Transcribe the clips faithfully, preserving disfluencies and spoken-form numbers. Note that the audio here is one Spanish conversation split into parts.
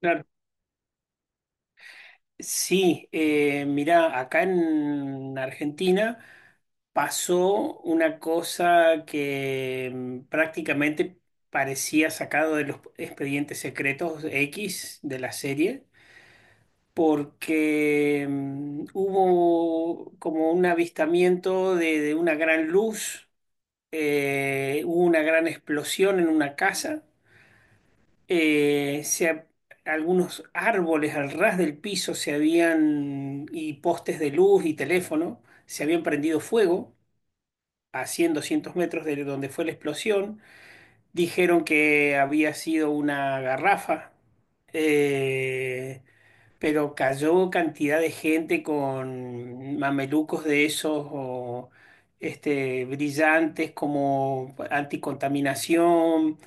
Claro. Sí, eh, mirá, acá en Argentina pasó una cosa que mm, prácticamente parecía sacado de los Expedientes Secretos X de la serie, porque mm, hubo como un avistamiento de, de una gran luz. Eh, hubo una gran explosión en una casa. Eh, se ha- algunos árboles al ras del piso se habían, y postes de luz y teléfono, se habían prendido fuego a cien doscientos metros de donde fue la explosión. Dijeron que había sido una garrafa, eh, pero cayó cantidad de gente con mamelucos de esos o, este, brillantes como anticontaminación.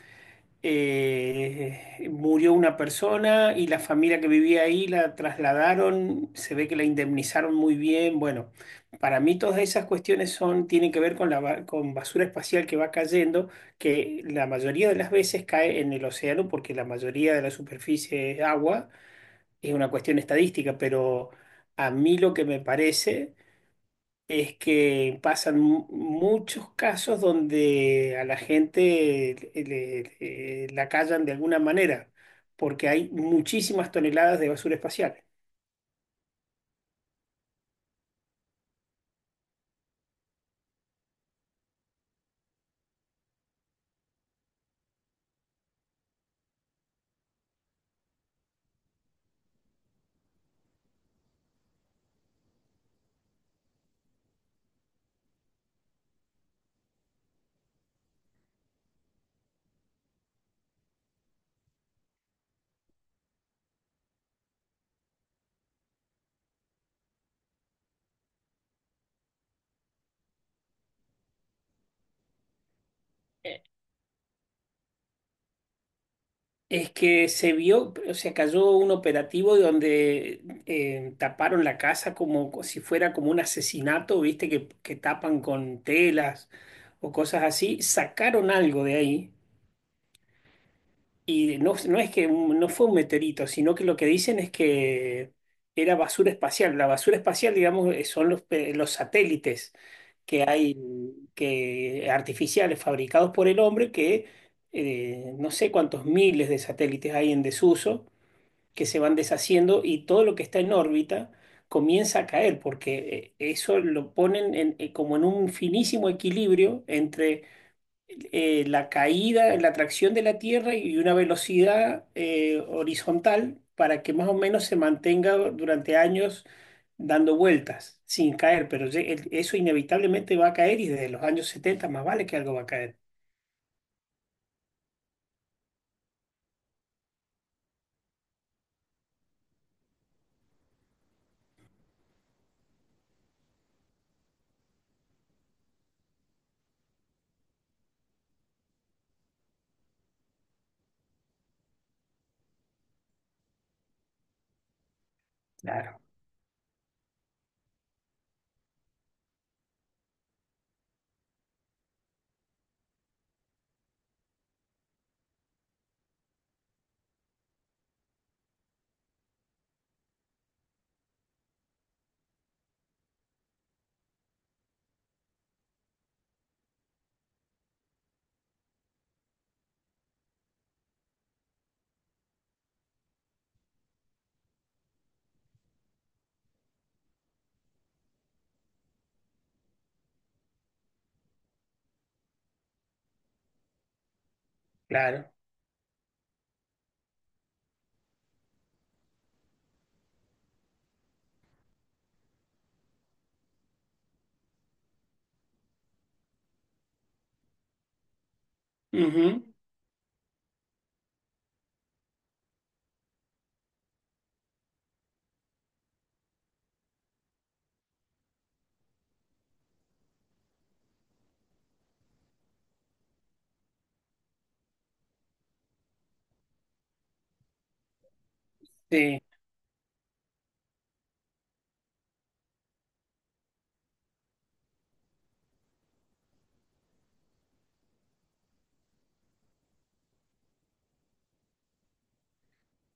Eh, murió una persona, y la familia que vivía ahí la trasladaron, se ve que la indemnizaron muy bien. Bueno, para mí todas esas cuestiones son, tienen que ver con la, ba- con basura espacial que va cayendo, que la mayoría de las veces cae en el océano porque la mayoría de la superficie es agua. Es una cuestión estadística, pero a mí lo que me parece es que pasan mu- muchos casos donde a la gente le- le- eh, la callan de alguna manera, porque hay muchísimas toneladas de basura espacial. Eh, Es que se vio, o sea, cayó un operativo donde eh, taparon la casa como co- si fuera como un asesinato, viste, que, que tapan con telas o cosas así, sacaron algo de ahí. Y no, no es que un- no fue un meteorito, sino que lo que dicen es que era basura espacial. La basura espacial, digamos, eh, son los, pe- los satélites que hay, que artificiales fabricados por el hombre, que eh, no sé cuántos miles de satélites hay en desuso, que se van deshaciendo, y todo lo que está en órbita comienza a caer, porque eh, eso lo ponen en- eh, como en un finísimo equilibrio entre eh, la caída, la tracción de la Tierra y una velocidad eh, horizontal, para que más o menos se mantenga durante años dando vueltas sin caer, pero ye- el- eso inevitablemente va a caer, y desde los años setenta más vale que algo va a caer. Claro, claro. Ujú. Sí,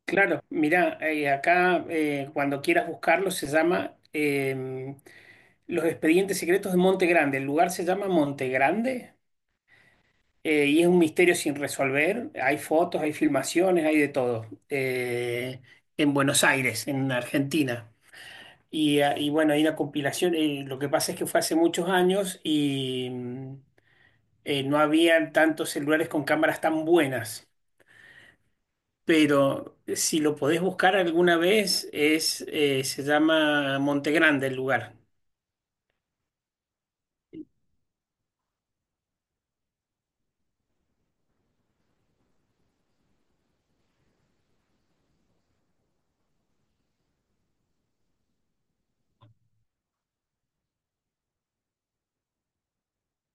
claro. Mira, acá, eh, cuando quieras buscarlo, se llama, em, Los Expedientes Secretos de Monte Grande. El lugar se llama Monte Grande. Eh, y es un misterio sin resolver. Hay fotos, hay filmaciones, hay de todo. Eh, en Buenos Aires, en Argentina. Y, ah, y bueno, hay una compilación. eh, lo que pasa es que fue hace muchos años, y mm, eh, no habían tantos celulares con cámaras tan buenas. Pero eh, si lo podés buscar alguna vez, es, eh, se llama Monte Grande el lugar.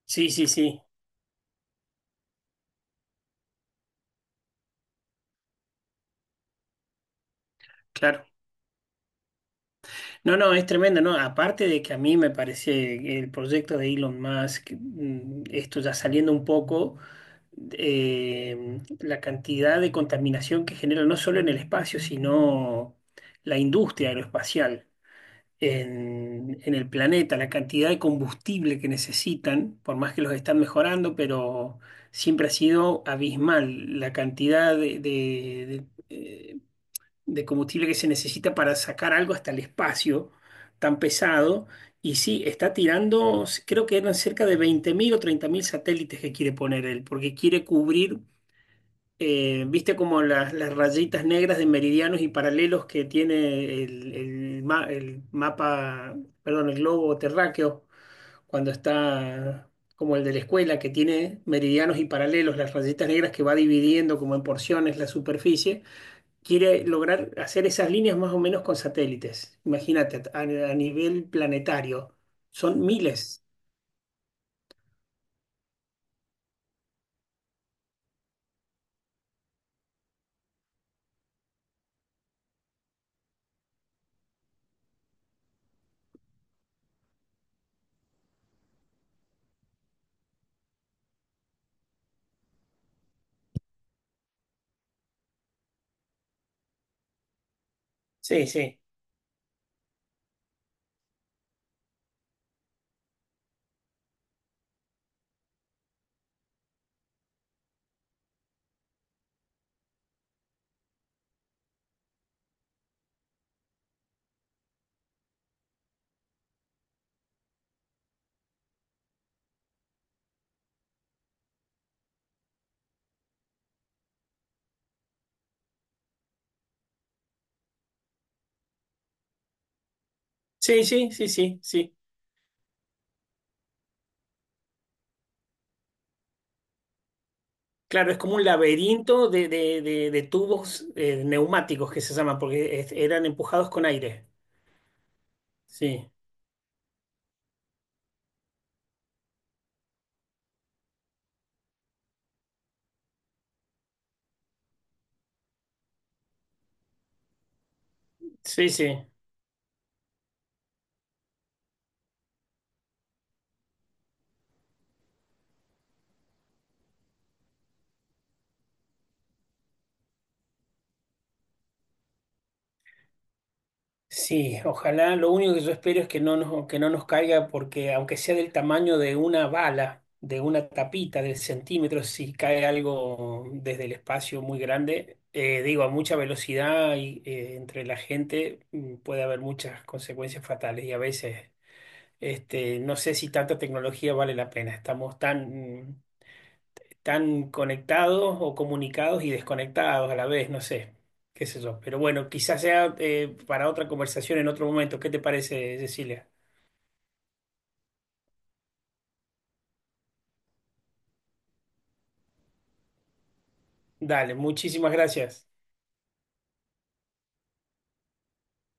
Sí, sí, sí, claro. No, no, es tremendo, ¿no? Aparte de que a mí me parece el proyecto de Elon Musk, mm, esto ya saliendo un poco, eh, la cantidad de contaminación que genera no solo en el espacio, sino la industria aeroespacial en, en el planeta, la cantidad de combustible que necesitan, por más que los están mejorando, pero siempre ha sido abismal la cantidad de, de- de, eh, de combustible que se necesita para sacar algo hasta el espacio tan pesado. Y sí, está tirando, creo que eran cerca de veinte mil o treinta mil satélites que quiere poner él, porque quiere cubrir, eh, viste como las, las rayitas negras de meridianos y paralelos que tiene el, el ma- el mapa, perdón, el globo terráqueo, cuando está como el de la escuela, que tiene meridianos y paralelos, las rayitas negras que va dividiendo como en porciones la superficie. Quiere lograr hacer esas líneas más o menos con satélites. Imagínate, a, a nivel planetario. Son miles. Sí, sí. Sí, sí, sí, sí, sí. Claro, es como un laberinto de, de- de- de tubos eh, neumáticos que se llaman, porque es- eran empujados con aire. Sí, sí, sí. Sí, ojalá. Lo único que yo espero es que no nos, que no nos caiga, porque aunque sea del tamaño de una bala, de una tapita de centímetros, si cae algo desde el espacio muy grande, eh, digo, a mucha velocidad, y eh, entre la gente, mm, puede haber muchas consecuencias fatales. Y a veces, este, no sé si tanta tecnología vale la pena. Estamos tan, mm, tan conectados o comunicados y desconectados a la vez, no sé, qué sé yo. Pero bueno, quizás sea eh, para otra conversación en otro momento. ¿Qué te parece, Cecilia? Dale, muchísimas gracias.